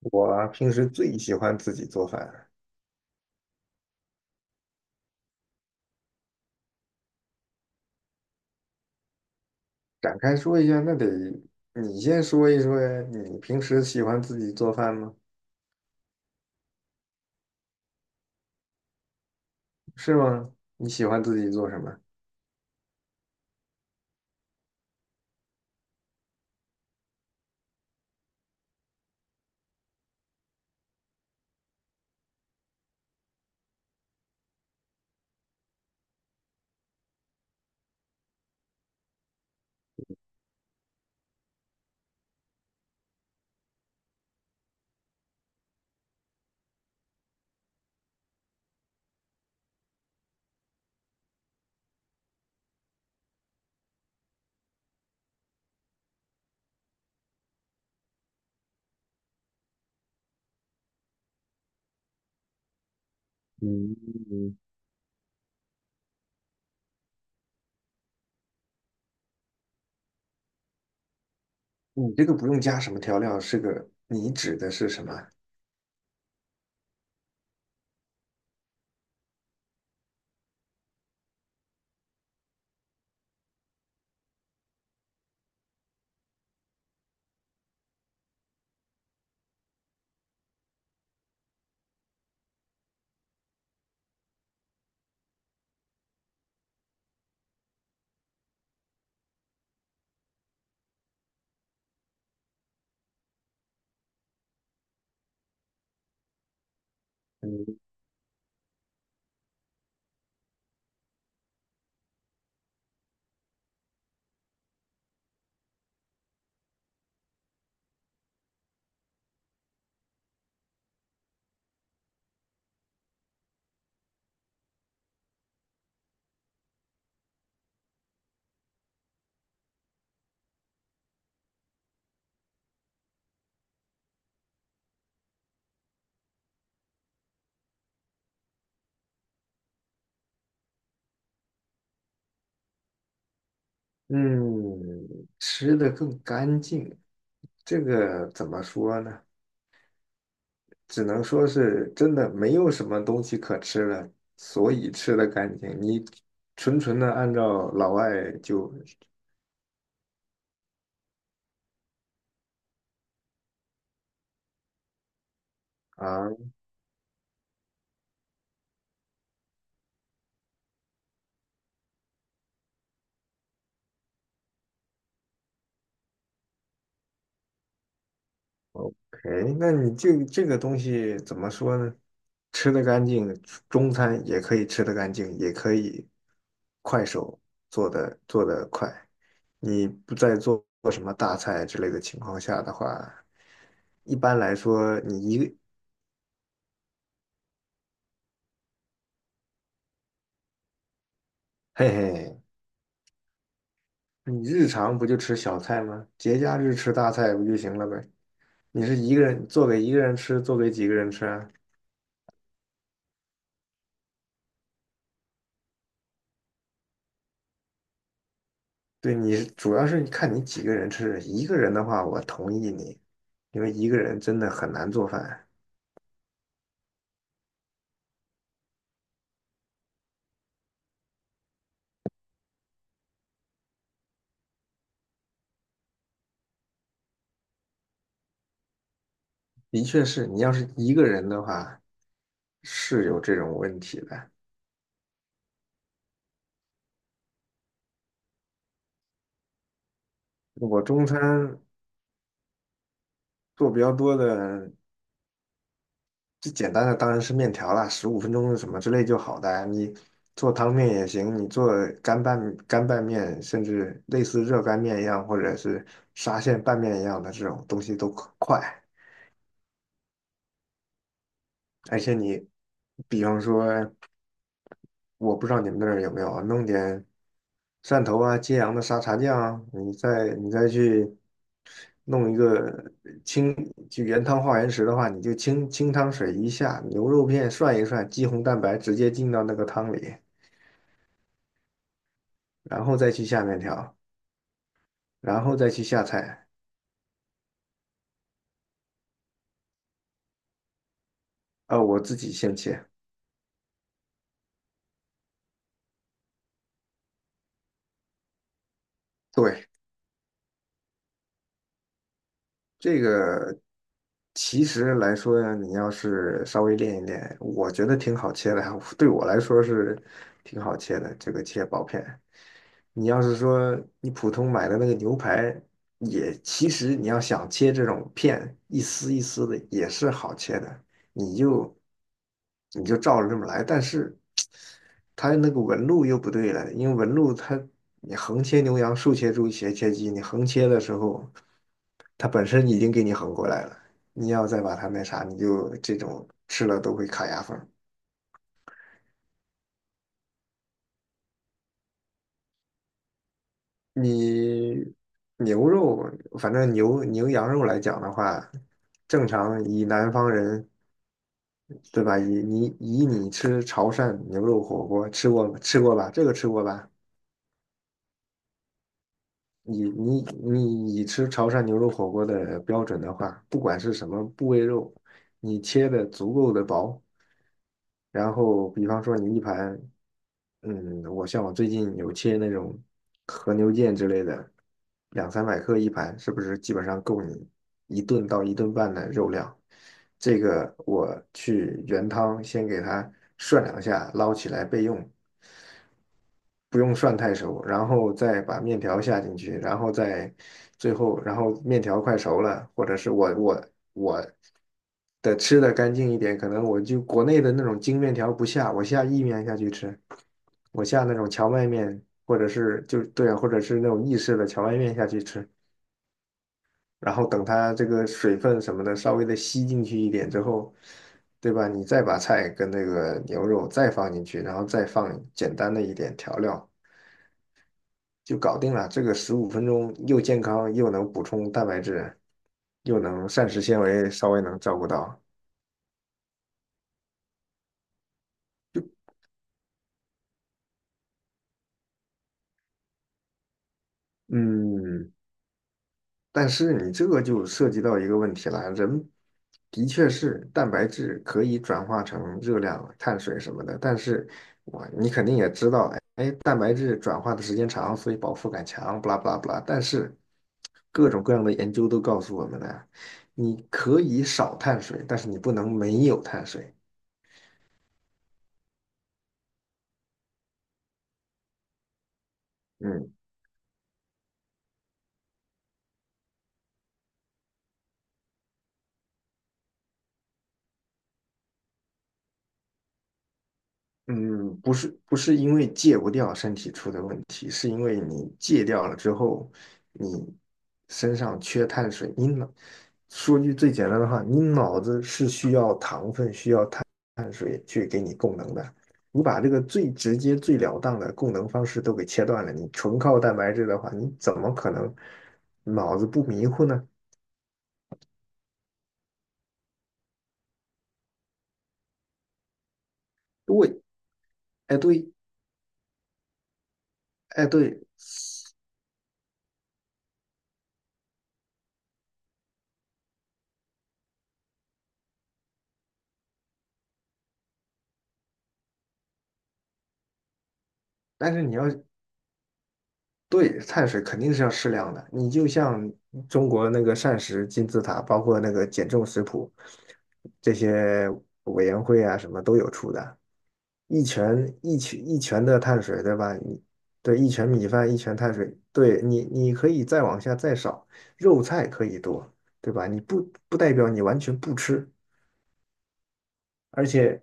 我平时最喜欢自己做饭，展开说一下，那得你先说一说呀。你平时喜欢自己做饭吗？是吗？你喜欢自己做什么？嗯，你这个不用加什么调料，是个，你指的是什么？嗯嗯，吃的更干净，这个怎么说呢？只能说是真的没有什么东西可吃了，所以吃的干净。你纯纯的按照老外就啊。OK，那你这个东西怎么说呢？吃得干净，中餐也可以吃得干净，也可以快手做的。你不再做什么大菜之类的情况下的话，一般来说，你一个。嘿嘿，你日常不就吃小菜吗？节假日吃大菜不就行了呗？你是一个人做给一个人吃，做给几个人吃啊？对，你主要是看你几个人吃，一个人的话，我同意你，因为一个人真的很难做饭。的确是你要是一个人的话，是有这种问题的。我中餐做比较多的，最简单的当然是面条啦，十五分钟什么之类就好的啊。你做汤面也行，你做干拌面，甚至类似热干面一样，或者是沙县拌面一样的这种东西都快，而且你比方说。我不知道你们那儿有没有啊，弄点汕头啊、揭阳的沙茶酱啊，你再去弄一个清，就原汤化原食的话，你就清清汤水一下，牛肉片涮一涮，肌红蛋白直接进到那个汤里，然后再去下面条，然后再去下菜。啊，我自己现切。对，这个其实来说呢，你要是稍微练一练，我觉得挺好切的，对我来说是挺好切的，这个切薄片。你要是说你普通买的那个牛排，也其实你要想切这种片，一丝一丝的也是好切的，你就你就照着这么来，但是它那个纹路又不对了，因为纹路它你横切牛羊，竖切猪，斜切鸡，你横切的时候，它本身已经给你横过来了，你要再把它那啥，你就这种吃了都会卡牙缝。你牛肉，反正牛羊肉来讲的话，正常以南方人，对吧？以你吃潮汕牛肉火锅吃过吃过吧？这个吃过吧？你你你以吃潮汕牛肉火锅的标准的话，不管是什么部位肉，你切的足够的薄，然后比方说你一盘，嗯，我像我最近有切那种和牛腱之类的，两三百克一盘，是不是基本上够你一顿到一顿半的肉量？这个我去原汤先给它涮两下，捞起来备用。不用涮太熟，然后再把面条下进去，然后再最后，然后面条快熟了，或者是我的吃的干净一点，可能我就国内的那种精面条不下，我下意面下去吃，我下那种荞麦面，或者是就对啊，或者是那种意式的荞麦面下去吃，然后等它这个水分什么的稍微的吸进去一点之后。对吧？你再把菜跟那个牛肉再放进去，然后再放简单的一点调料，就搞定了。这个十五分钟又健康，又能补充蛋白质，又能膳食纤维稍微能照顾到。嗯，但是你这个就涉及到一个问题了，人的确是蛋白质可以转化成热量、碳水什么的，但是我你肯定也知道，哎，蛋白质转化的时间长，所以饱腹感强，不啦不啦不啦。但是各种各样的研究都告诉我们呢，你可以少碳水，但是你不能没有碳水。嗯，嗯，不是不是因为戒不掉身体出的问题，是因为你戒掉了之后，你身上缺碳水，你脑，说句最简单的话，你脑子是需要糖分、需要碳水去给你供能的。你把这个最直接、最了当的供能方式都给切断了，你纯靠蛋白质的话，你怎么可能脑子不迷糊呢？对，哎对，哎对，但是你要对，碳水肯定是要适量的。你就像中国那个膳食金字塔，包括那个减重食谱，这些委员会啊什么都有出的。一拳一拳一拳的碳水，对吧？你对一拳米饭一拳碳水，对你你可以再往下再少，肉菜可以多，对吧？你不代表你完全不吃，而且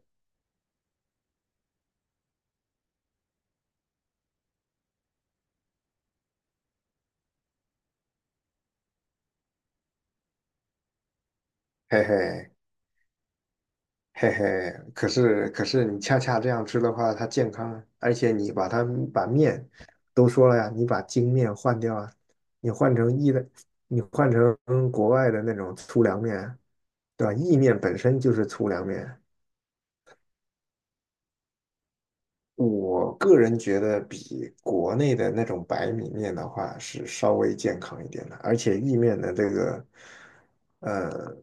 嘿嘿，嘿嘿，可是可是你恰恰这样吃的话，它健康啊，而且你把它把面都说了呀，你把精面换掉啊，你换成意的，你换成国外的那种粗粮面啊，对吧？意面本身就是粗粮面，我个人觉得比国内的那种白米面的话是稍微健康一点的，而且意面的这个，呃，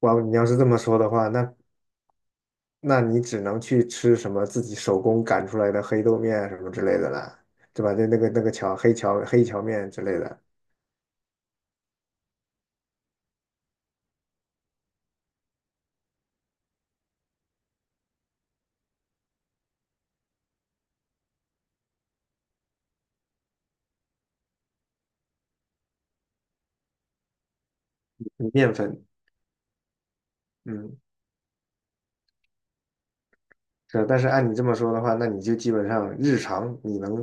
哇，你要是这么说的话，那那你只能去吃什么自己手工擀出来的黑豆面什么之类的了，对吧？那个荞面之类的面粉，嗯。是，但是按你这么说的话，那你就基本上日常你能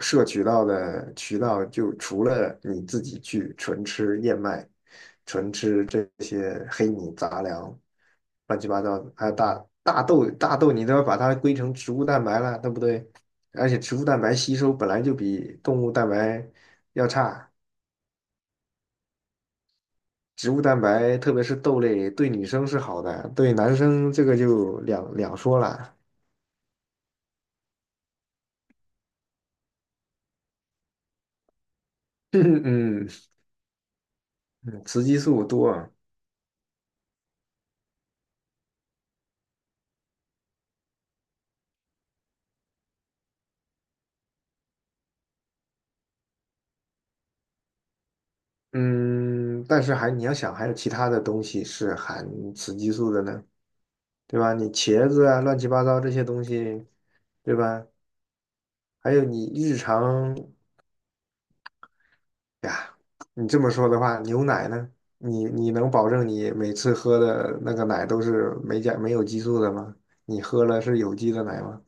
摄取到的渠道，就除了你自己去纯吃燕麦、纯吃这些黑米杂粮、乱七八糟的，还有大豆，大豆你都要把它归成植物蛋白了，对不对？而且植物蛋白吸收本来就比动物蛋白要差，植物蛋白特别是豆类对女生是好的，对男生这个就两说了。嗯，嗯，雌激素多啊嗯，但是还你要想，还有其他的东西是含雌激素的呢，对吧？你茄子啊，乱七八糟这些东西，对吧？还有你日常哎呀，你这么说的话，牛奶呢？你你能保证你每次喝的那个奶都是没有激素的吗？你喝了是有机的奶吗？